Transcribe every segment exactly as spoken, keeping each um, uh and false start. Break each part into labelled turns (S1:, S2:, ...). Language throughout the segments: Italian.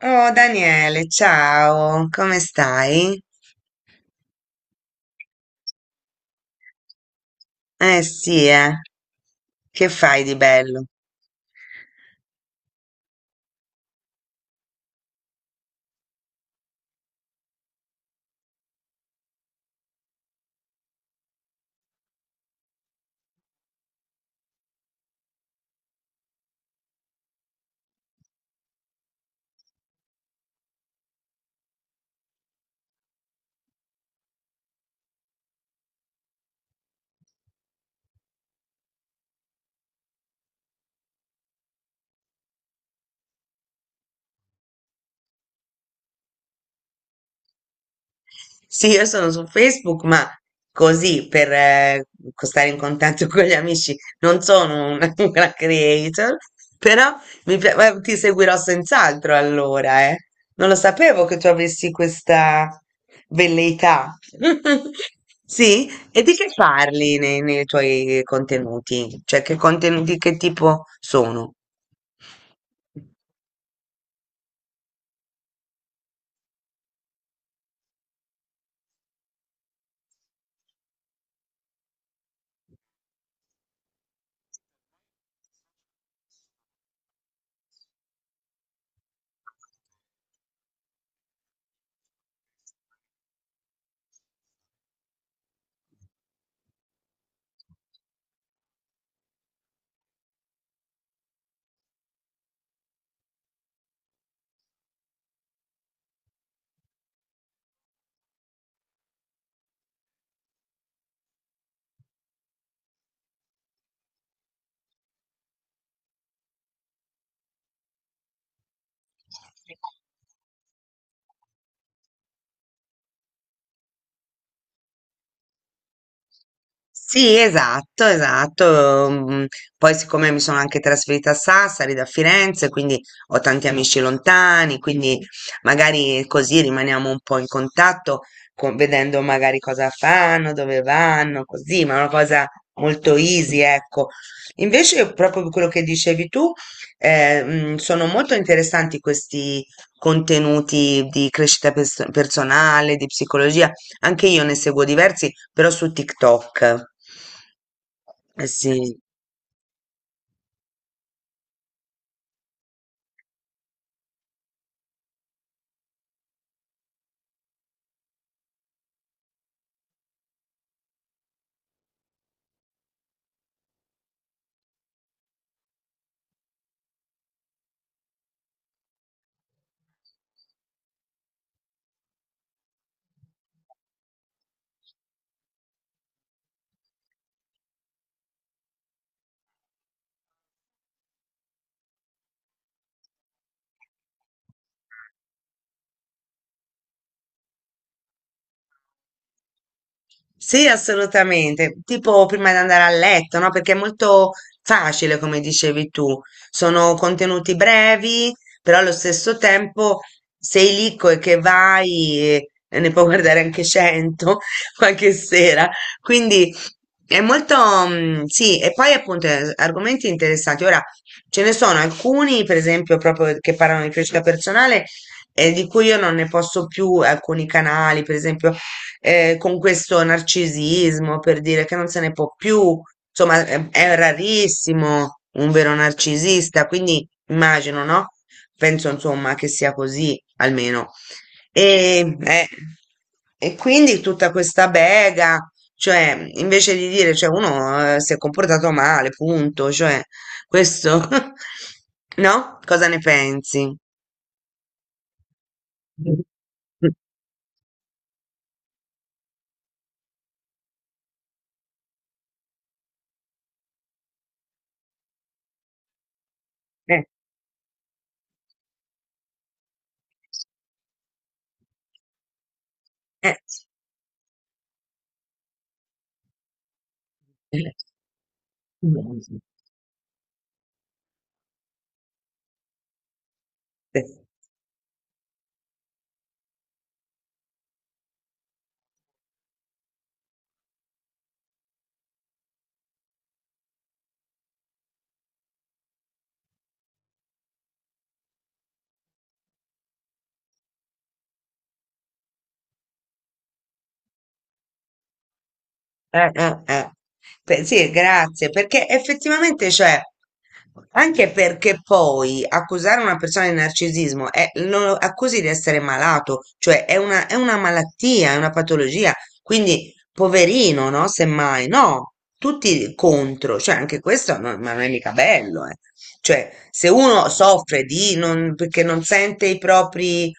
S1: Oh Daniele, ciao, come stai? Eh sì, eh, che fai di bello? Sì, io sono su Facebook, ma così per eh, stare in contatto con gli amici. Non sono una, una creator, però mi pia- eh, ti seguirò senz'altro allora, eh. Non lo sapevo che tu avessi questa velleità. Sì, e di che parli nei, nei tuoi contenuti? Cioè, che contenuti, che tipo sono? Sì, esatto, esatto. mm, Poi siccome mi sono anche trasferita a Sassari da Firenze, quindi ho tanti amici lontani, quindi magari così rimaniamo un po' in contatto, con- vedendo magari cosa fanno, dove vanno, così, ma è una cosa molto easy, ecco. Invece, proprio quello che dicevi tu, eh, mm, sono molto interessanti questi contenuti di crescita pers- personale, di psicologia, anche io ne seguo diversi, però su TikTok. Eh sì. Sì, assolutamente. Tipo prima di andare a letto, no? Perché è molto facile, come dicevi tu. Sono contenuti brevi, però allo stesso tempo sei lì co- e che vai e e ne puoi guardare anche cento qualche sera. Quindi è molto, mm, sì, e poi appunto eh, argomenti interessanti. Ora ce ne sono alcuni, per esempio, proprio che parlano di crescita personale. E di cui io non ne posso più alcuni canali, per esempio, eh, con questo narcisismo per dire che non se ne può più, insomma, è, è rarissimo un vero narcisista, quindi immagino, no? Penso, insomma, che sia così, almeno. E, eh, e quindi tutta questa bega, cioè, invece di dire, cioè, uno, eh, si è comportato male, punto, cioè, questo, no? Cosa ne pensi? Mm. Eh, eh. Eh, eh, eh. Beh, sì, grazie, perché effettivamente, cioè, anche perché poi accusare una persona di narcisismo è, lo accusi di essere malato, cioè è una, è una malattia, è una patologia, quindi poverino, no? Semmai, no, tutti contro, cioè anche questo non, ma non è mica bello, eh. Cioè, se uno soffre di non, perché non sente i propri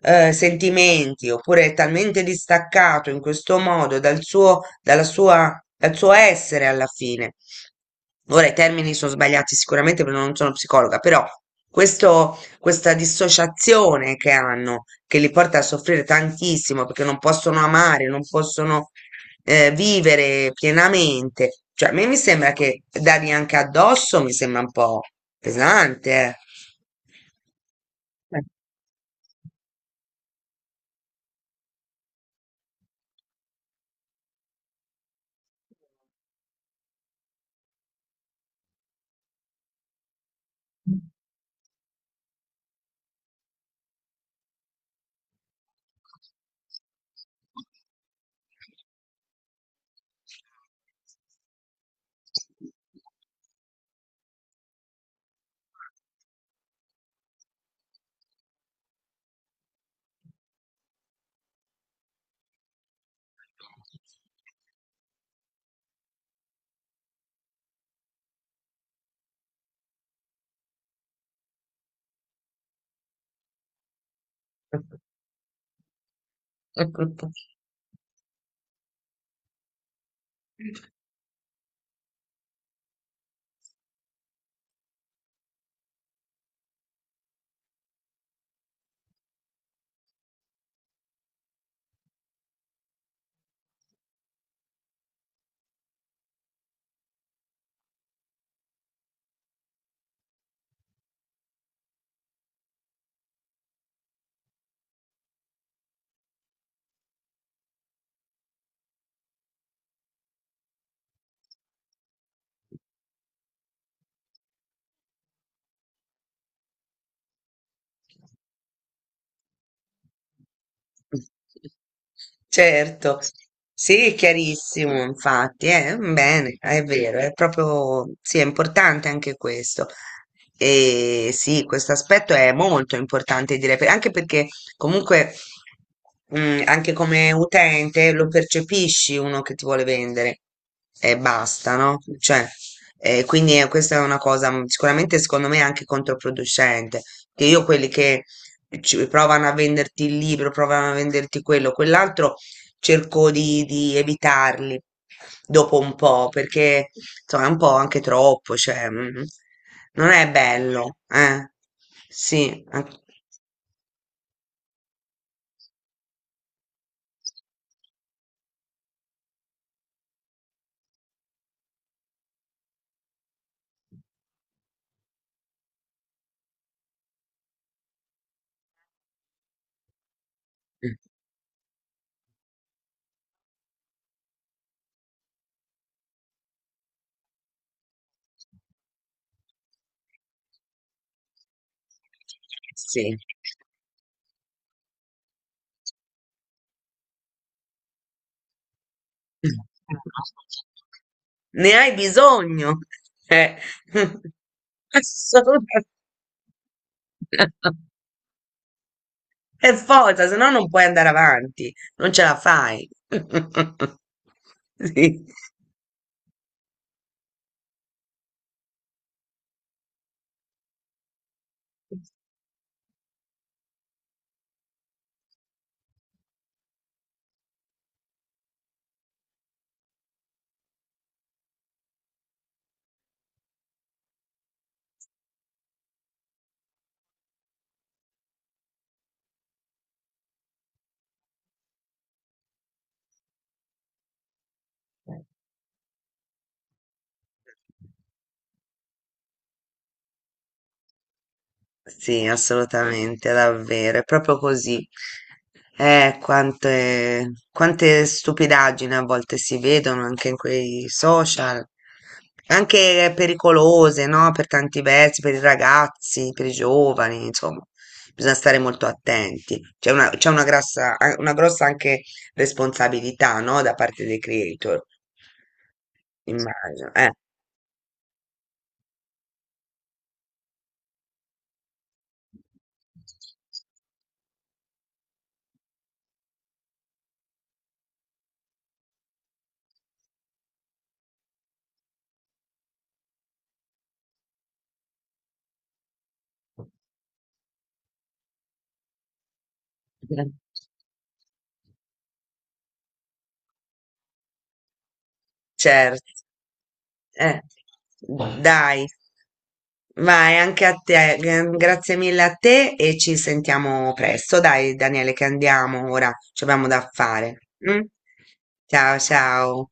S1: eh, sentimenti, oppure è talmente distaccato in questo modo dal suo, dalla sua, dal suo essere alla fine. Ora i termini sono sbagliati sicuramente perché non sono psicologa, però questo questa dissociazione che hanno, che li porta a soffrire tantissimo perché non possono amare, non possono eh, vivere pienamente. Cioè, a me mi sembra che dargli anche addosso mi sembra un po' pesante. Eh. Eh. Certo, sì, è chiarissimo, infatti, eh, bene, è vero, è proprio, sì, è importante anche questo. E sì, questo aspetto è molto importante, direi, per- anche perché comunque, mm, anche come utente lo percepisci uno che ti vuole vendere e basta, no? Cioè, eh, quindi eh, questa è una cosa mm, sicuramente secondo me anche controproducente, che io quelli che ci- provano a venderti il libro, provano a venderti quello, quell'altro, cerco di, di evitarli dopo un po', perché insomma è un po' anche troppo, cioè mm, mm, non è bello, eh? Sì, an- mm, sì. Mm. Ne hai bisogno, eh, assolutamente. Per forza, se no non puoi andare avanti, non ce la fai. Sì. Sì, assolutamente, davvero, è proprio così. Eh, quante, quante stupidaggini a volte si vedono anche in quei social, anche pericolose, no? Per tanti versi, per i ragazzi, per i giovani, insomma, bisogna stare molto attenti. C'è una, c'è una grassa, a- una grossa anche responsabilità, no? Da parte dei creator, immagino. Eh, certo, eh, dai. Vai, anche a te. gra- Grazie mille a te e ci sentiamo presto. Dai, Daniele, che andiamo ora, ci abbiamo da fare. Mm? Ciao, ciao.